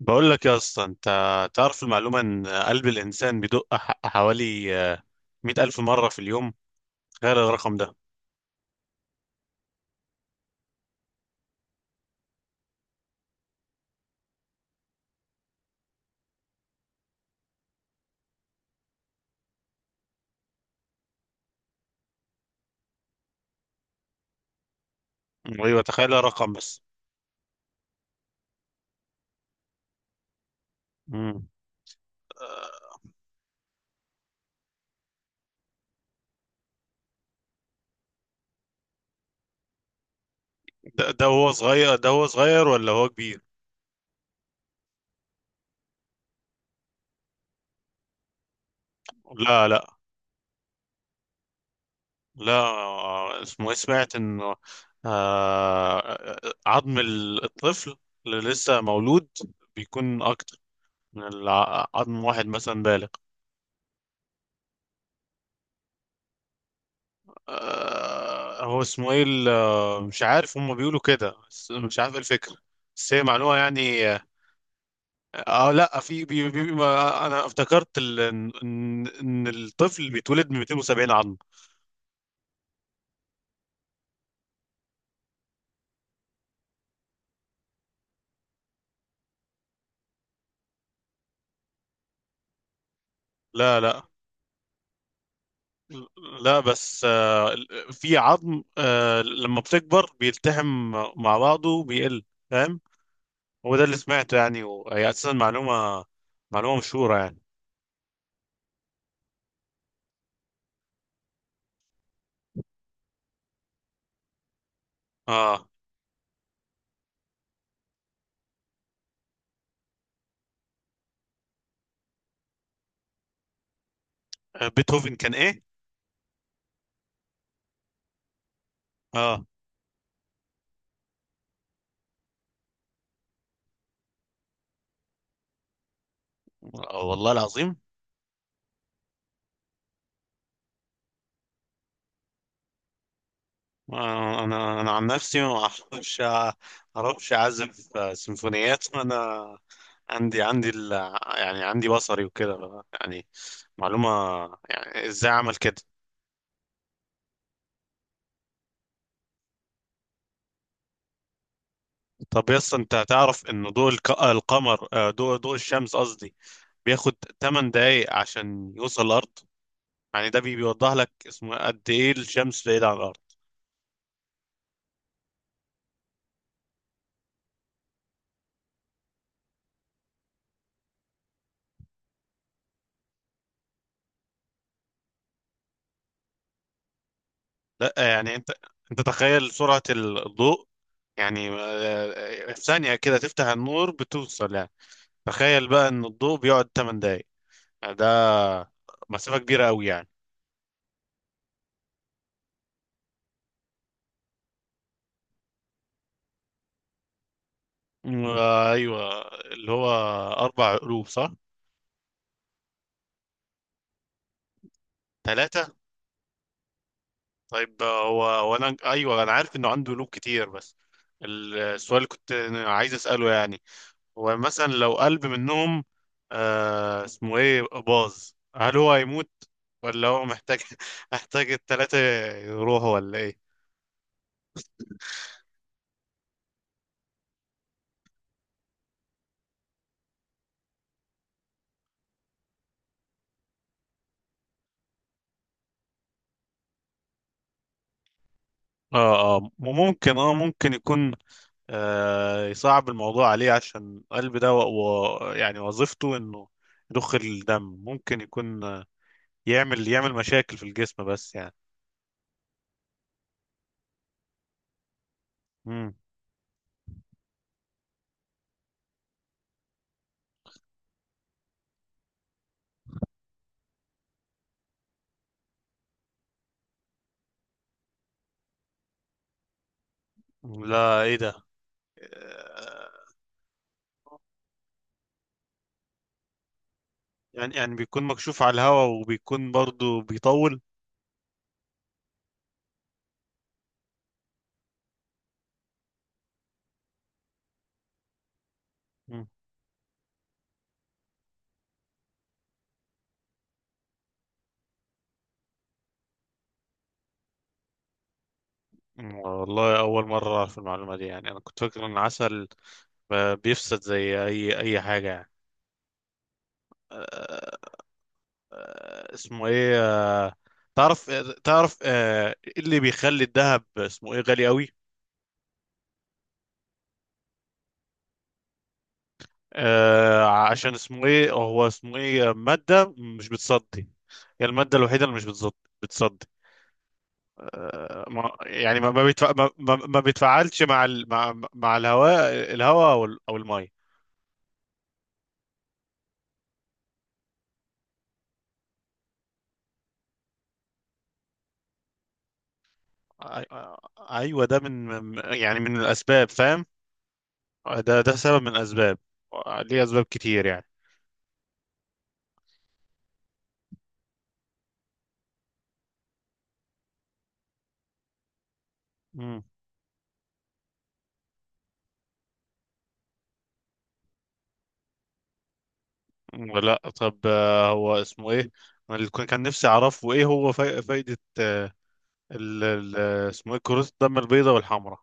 بقول لك يا اسطى، انت تعرف المعلومه ان قلب الانسان بيدق حوالي 100,000 الف مره في اليوم؟ تخيل الرقم ده. ايوه، تخيل الرقم بس. مم. ده هو صغير، ده هو صغير ولا هو كبير؟ لا، لا. لا، اسمه ايه؟ سمعت انه آه، عظم الطفل اللي لسه مولود بيكون اكتر من عظم واحد مثلا بالغ. هو اسمه ايه مش عارف، هم بيقولوا كده بس مش عارف ايه الفكرة، بس هي معلومة يعني. اه. لا، في بي ما انا افتكرت ان ان إن الطفل بيتولد من 270 عظم. لا، لا، لا، بس في عظم، لما بتكبر بيلتحم مع بعضه بيقل، فاهم؟ هو ده اللي سمعته يعني، وهي اساسا معلومة مشهورة يعني. اه. بيتهوفن كان ايه؟ اه، والله العظيم. انا عن نفسي ما اعرفش، اعزف سيمفونيات. انا عندي يعني عندي بصري وكده يعني، معلومة، يعني ازاي اعمل كده؟ طب، يس انت تعرف ان ضوء القمر، ضوء الشمس قصدي، بياخد 8 دقايق عشان يوصل الارض؟ يعني ده بيوضح لك اسمه قد ايه الشمس بعيدة عن الارض. لا، يعني انت تخيل سرعة الضوء، يعني في ثانية كده تفتح النور بتوصل يعني. تخيل بقى ان الضوء بيقعد 8 دقايق، ده مسافة كبيرة قوي يعني. مم. ايوه، اللي هو اربع قلوب، صح؟ ثلاثة. طيب، هو وانا، ايوه، انا عارف انه عنده قلوب كتير، بس السؤال اللي كنت عايز اسأله يعني، هو مثلا لو قلب منهم اسمه ايه باظ، هل هو هيموت ولا هو محتاج محتاج الثلاثة يروحوا ولا ايه؟ اه، اه، ممكن، اه، يكون يصعب الموضوع عليه، عشان القلب ده يعني وظيفته انه يضخ الدم، ممكن يكون يعمل مشاكل في الجسم بس يعني. مم. لا، ايه ده، آه، يعني بيكون مكشوف على الهواء، وبيكون برضو بيطول. مم. والله، اول مرة اعرف المعلومة دي، يعني انا كنت فاكر ان العسل بيفسد زي اي حاجة يعني. اسمه ايه آه، تعرف، إيه اللي بيخلي الذهب اسمه ايه غالي قوي؟ عشان اسمه ايه، هو اسمه ايه، مادة مش بتصدي، هي المادة الوحيدة اللي مش بتصدي. ما يعني، ما ما, بيتفع ما, ما ما بيتفاعلش مع الهواء أو المية. آي- آه، ايوه، ده من الاسباب، فاهم؟ ده سبب من الاسباب، ليه اسباب كتير يعني. مم. لا، طب، هو اسمه ايه، أنا اللي كان نفسي اعرفه، ايه هو فايدة ال ال- اسمه ايه كرات الدم البيضاء والحمراء؟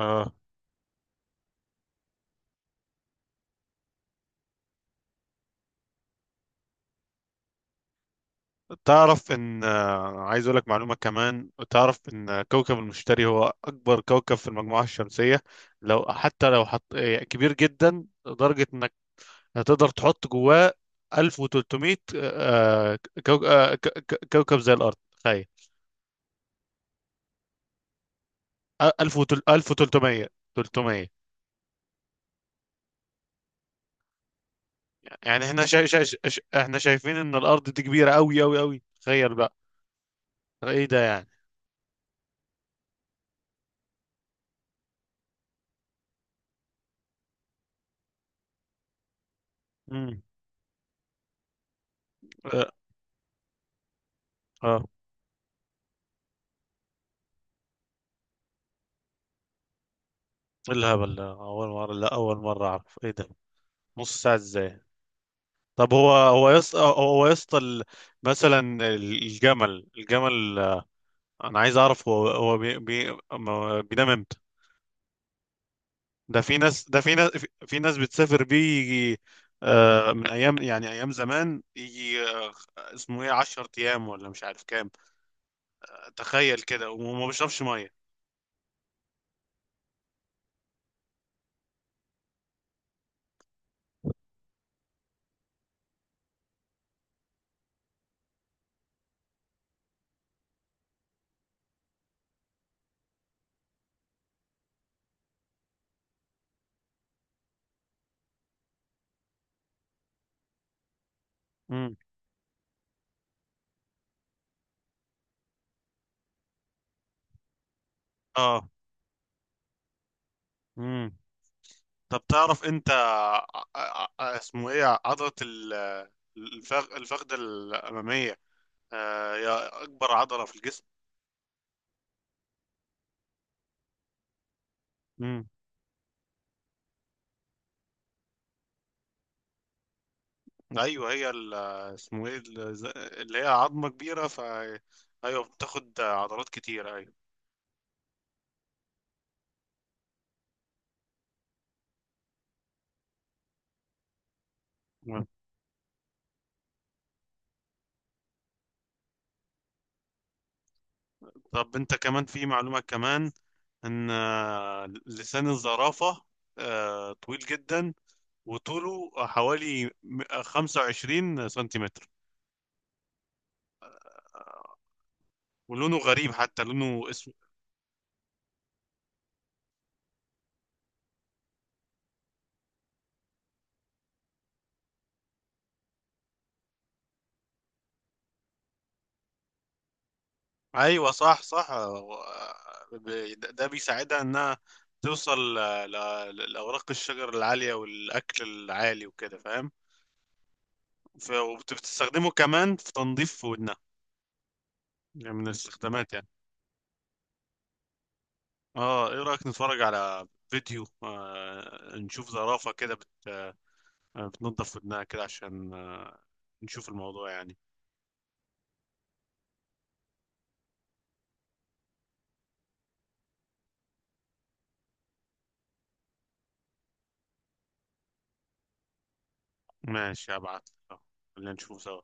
آه، تعرف ان عايز اقول لك معلومة كمان، تعرف ان كوكب المشتري هو اكبر كوكب في المجموعة الشمسية؟ لو حتى لو حط كبير جدا، لدرجة انك هتقدر تحط جواه 1300 كوكب زي الارض، تخيل. 1000، 1300، 300. يعني احنا شايفين ان الارض دي كبيرة قوي قوي قوي، تخيل بقى. ايه ده يعني؟ امم. اه. آه. إيه الهبل ده؟ اول مرة، لا، اول مرة اعرف ايه ده. نص ساعة ازاي؟ طب هو يس هو يسطا مثلا الجمل، انا عايز اعرف هو بي بي ما- بينام امتى؟ ده في ناس، ده في ناس في في ناس بتسافر بيه، يجي من ايام، يعني ايام زمان، يجي اسمه ايه 10 ايام ولا مش عارف كام، تخيل كده وما بيشربش ميه. امم. اه. امم. طب تعرف انت اسمه ايه عضلة الفخذ الامامية، هي اكبر عضلة في الجسم. ايوه، هي اسمه ايه اللي هي عظمه كبيره، ايوه، بتاخد عضلات كتير، ايوه. مم. طب انت كمان، في معلومه كمان، ان لسان الزرافه طويل جدا، وطوله حوالي 25 سنتيمتر، آه، ولونه غريب، حتى لونه اسود. ايوه، صح، صح، ده بيساعدها انها توصل لاوراق الشجر العاليه والاكل العالي وكده، فاهم؟ وبتستخدمه كمان في تنظيف ودنها، يعني من الاستخدامات يعني. اه، ايه رأيك نتفرج على فيديو، نشوف زرافة كده بتنظف ودنها كده، عشان نشوف الموضوع يعني؟ ماشي، هبعت لك. خلينا نشوفه سوا.